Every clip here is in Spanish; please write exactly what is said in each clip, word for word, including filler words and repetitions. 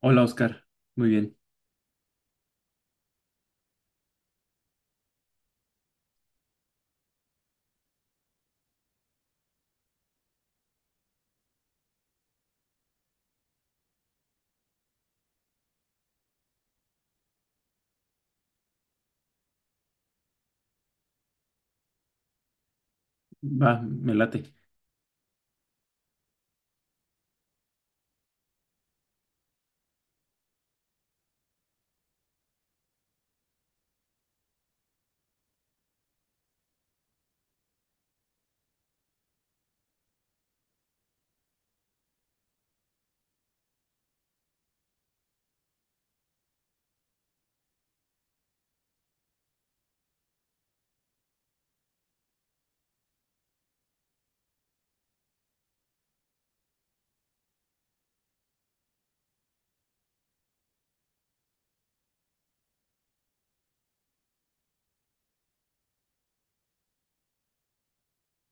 Hola Oscar, muy bien, va, me late.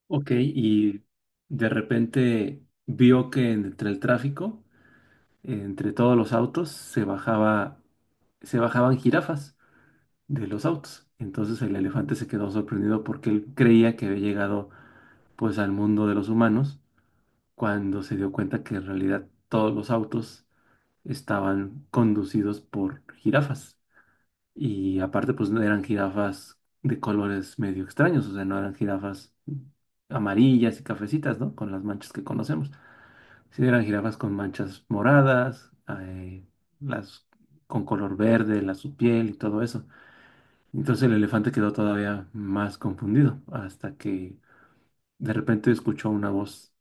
Ok, y de repente vio que entre el tráfico, entre todos los autos, se bajaba, se bajaban jirafas de los autos. Entonces el elefante se quedó sorprendido porque él creía que había llegado pues al mundo de los humanos cuando se dio cuenta que en realidad todos los autos estaban conducidos por jirafas. Y aparte, pues no eran jirafas de colores medio extraños, o sea, no eran jirafas amarillas y cafecitas, ¿no? Con las manchas que conocemos. Sí, eran jirafas con manchas moradas, eh, las con color verde, la su piel y todo eso. Entonces el elefante quedó todavía más confundido hasta que de repente escuchó una voz.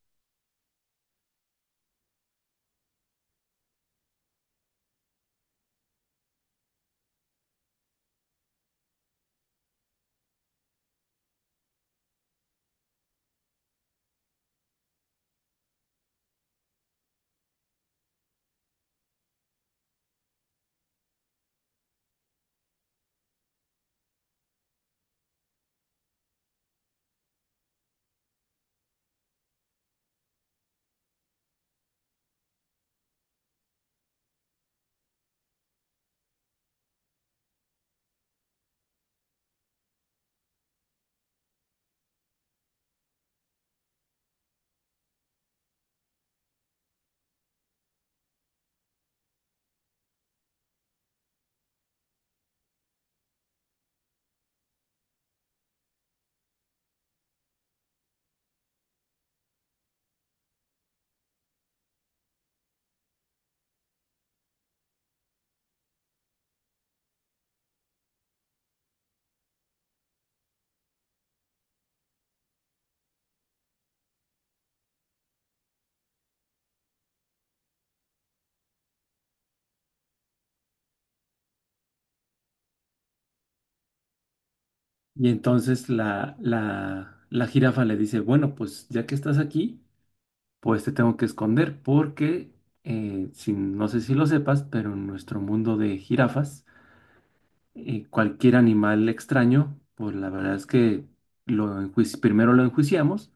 Y entonces la, la, la jirafa le dice, bueno, pues ya que estás aquí, pues te tengo que esconder porque, eh, si- no sé si lo sepas, pero en nuestro mundo de jirafas, eh, cualquier animal extraño, pues la verdad es que lo enjuici- primero lo enjuiciamos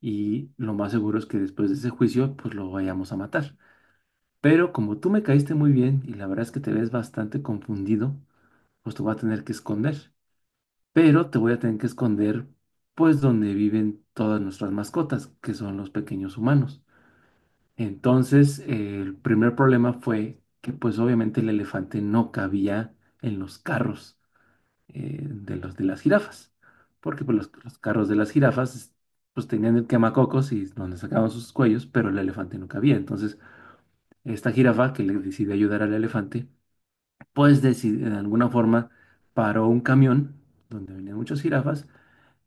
y lo más seguro es que después de ese juicio, pues lo vayamos a matar. Pero como tú me caíste muy bien y la verdad es que te ves bastante confundido, pues te voy a tener que esconder. Pero te voy a tener que esconder, pues donde viven todas nuestras mascotas, que son los pequeños humanos. Entonces, eh, el primer problema fue que pues obviamente el elefante no cabía en los carros, eh, de los de las jirafas, porque pues, los, los carros de las jirafas pues tenían el quemacocos y donde sacaban sus cuellos, pero el elefante no cabía. Entonces, esta jirafa que le decidió ayudar al elefante, pues decid- de alguna forma paró un camión donde venían muchas jirafas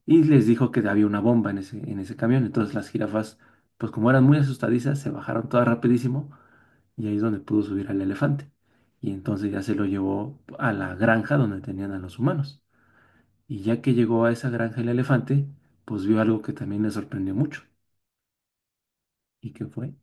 y les dijo que había una bomba en ese, en ese camión. Entonces las jirafas, pues como eran muy asustadizas, se bajaron todas rapidísimo y ahí es donde pudo subir al elefante. Y entonces ya se lo llevó a la granja donde tenían a los humanos. Y ya que llegó a esa granja el elefante, pues vio algo que también le sorprendió mucho. ¿Y qué fue?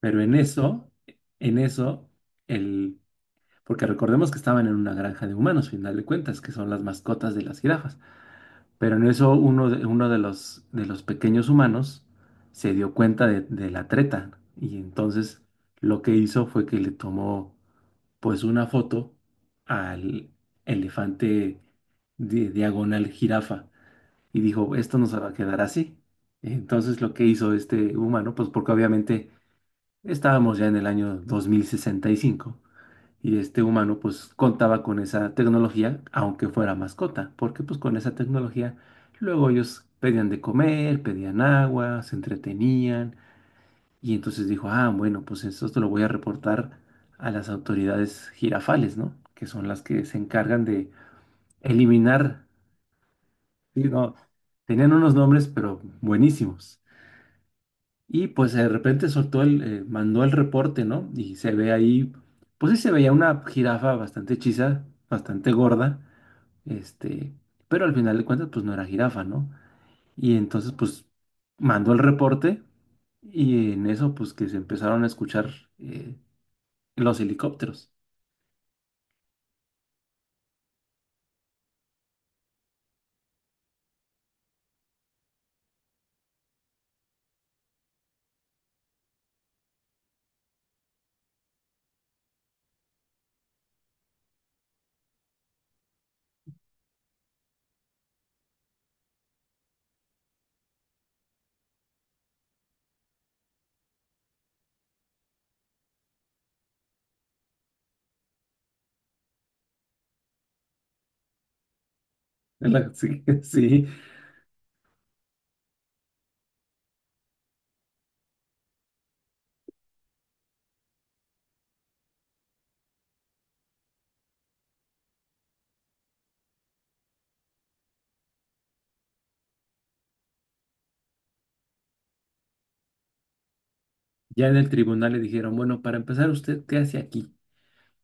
Pero en eso, en eso, el... porque recordemos que estaban en una granja de humanos, final de cuentas, que son las mascotas de las jirafas. Pero en eso uno de, uno de los, de los pequeños humanos se dio cuenta de, de la treta. Y entonces lo que hizo fue que le tomó pues una foto al elefante de diagonal jirafa y dijo, esto nos va a quedar así. Entonces lo que hizo este humano, pues porque obviamente estábamos ya en el año dos mil sesenta y cinco y este humano pues contaba con esa tecnología, aunque fuera mascota, porque pues con esa tecnología luego ellos pedían de comer, pedían agua, se entretenían y entonces dijo, ah, bueno, pues esto te lo voy a reportar a las autoridades jirafales, ¿no? Que son las que se encargan de eliminar, ¿sí? No, tenían unos nombres, pero buenísimos. Y pues de repente soltó el, eh, mandó el reporte, ¿no? Y se ve ahí, pues sí se veía una jirafa bastante hechiza, bastante gorda, este, pero al final de cuentas, pues no era jirafa, ¿no? Y entonces, pues mandó el reporte y en eso, pues que se empezaron a escuchar, eh, los helicópteros. Es la- Sí, sí. Ya en el tribunal le dijeron, bueno, para empezar, ¿usted qué hace aquí?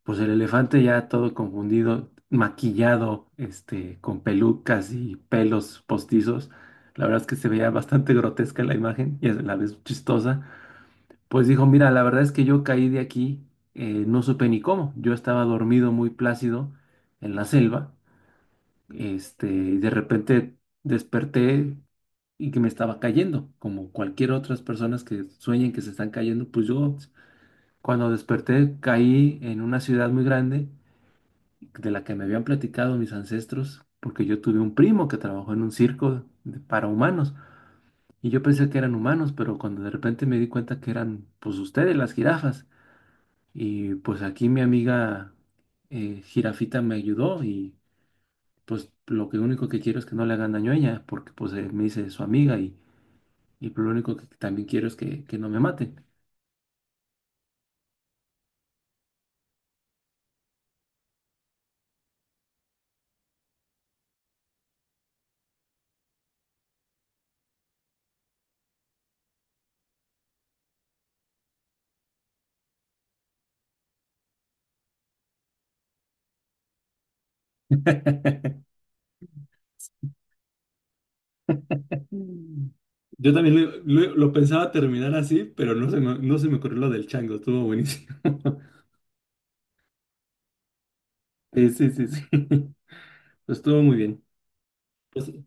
Pues el elefante ya todo confundido, maquillado, este, con pelucas y pelos postizos. La verdad es que se veía bastante grotesca la imagen y a la vez chistosa. Pues dijo, mira, la verdad es que yo caí de aquí, eh, no supe ni cómo. Yo estaba dormido muy plácido en la selva. Este, y de repente desperté y que me estaba cayendo, como cualquier otras personas que sueñen que se están cayendo, pues yo cuando desperté caí en una ciudad muy grande de la que me habían platicado mis ancestros, porque yo tuve un primo que trabajó en un circo de- para humanos y yo pensé que eran humanos, pero cuando de repente me di cuenta que eran pues ustedes las jirafas y pues aquí mi amiga eh, jirafita me ayudó y pues lo que único que quiero es que no le hagan daño a ella, porque pues eh, me hice su amiga y Y lo único que también quiero es que, que no me maten. Mm. Yo también lo, lo- lo pensaba terminar así, pero no se me, no se me ocurrió lo del chango, estuvo buenísimo. Sí, sí, sí, sí. Pues estuvo muy bien. Pues, está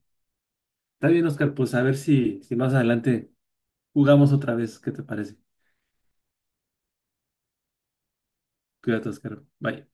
bien, Oscar. Pues a ver si, si más adelante jugamos otra vez. ¿Qué te parece? Cuídate, Oscar. Bye.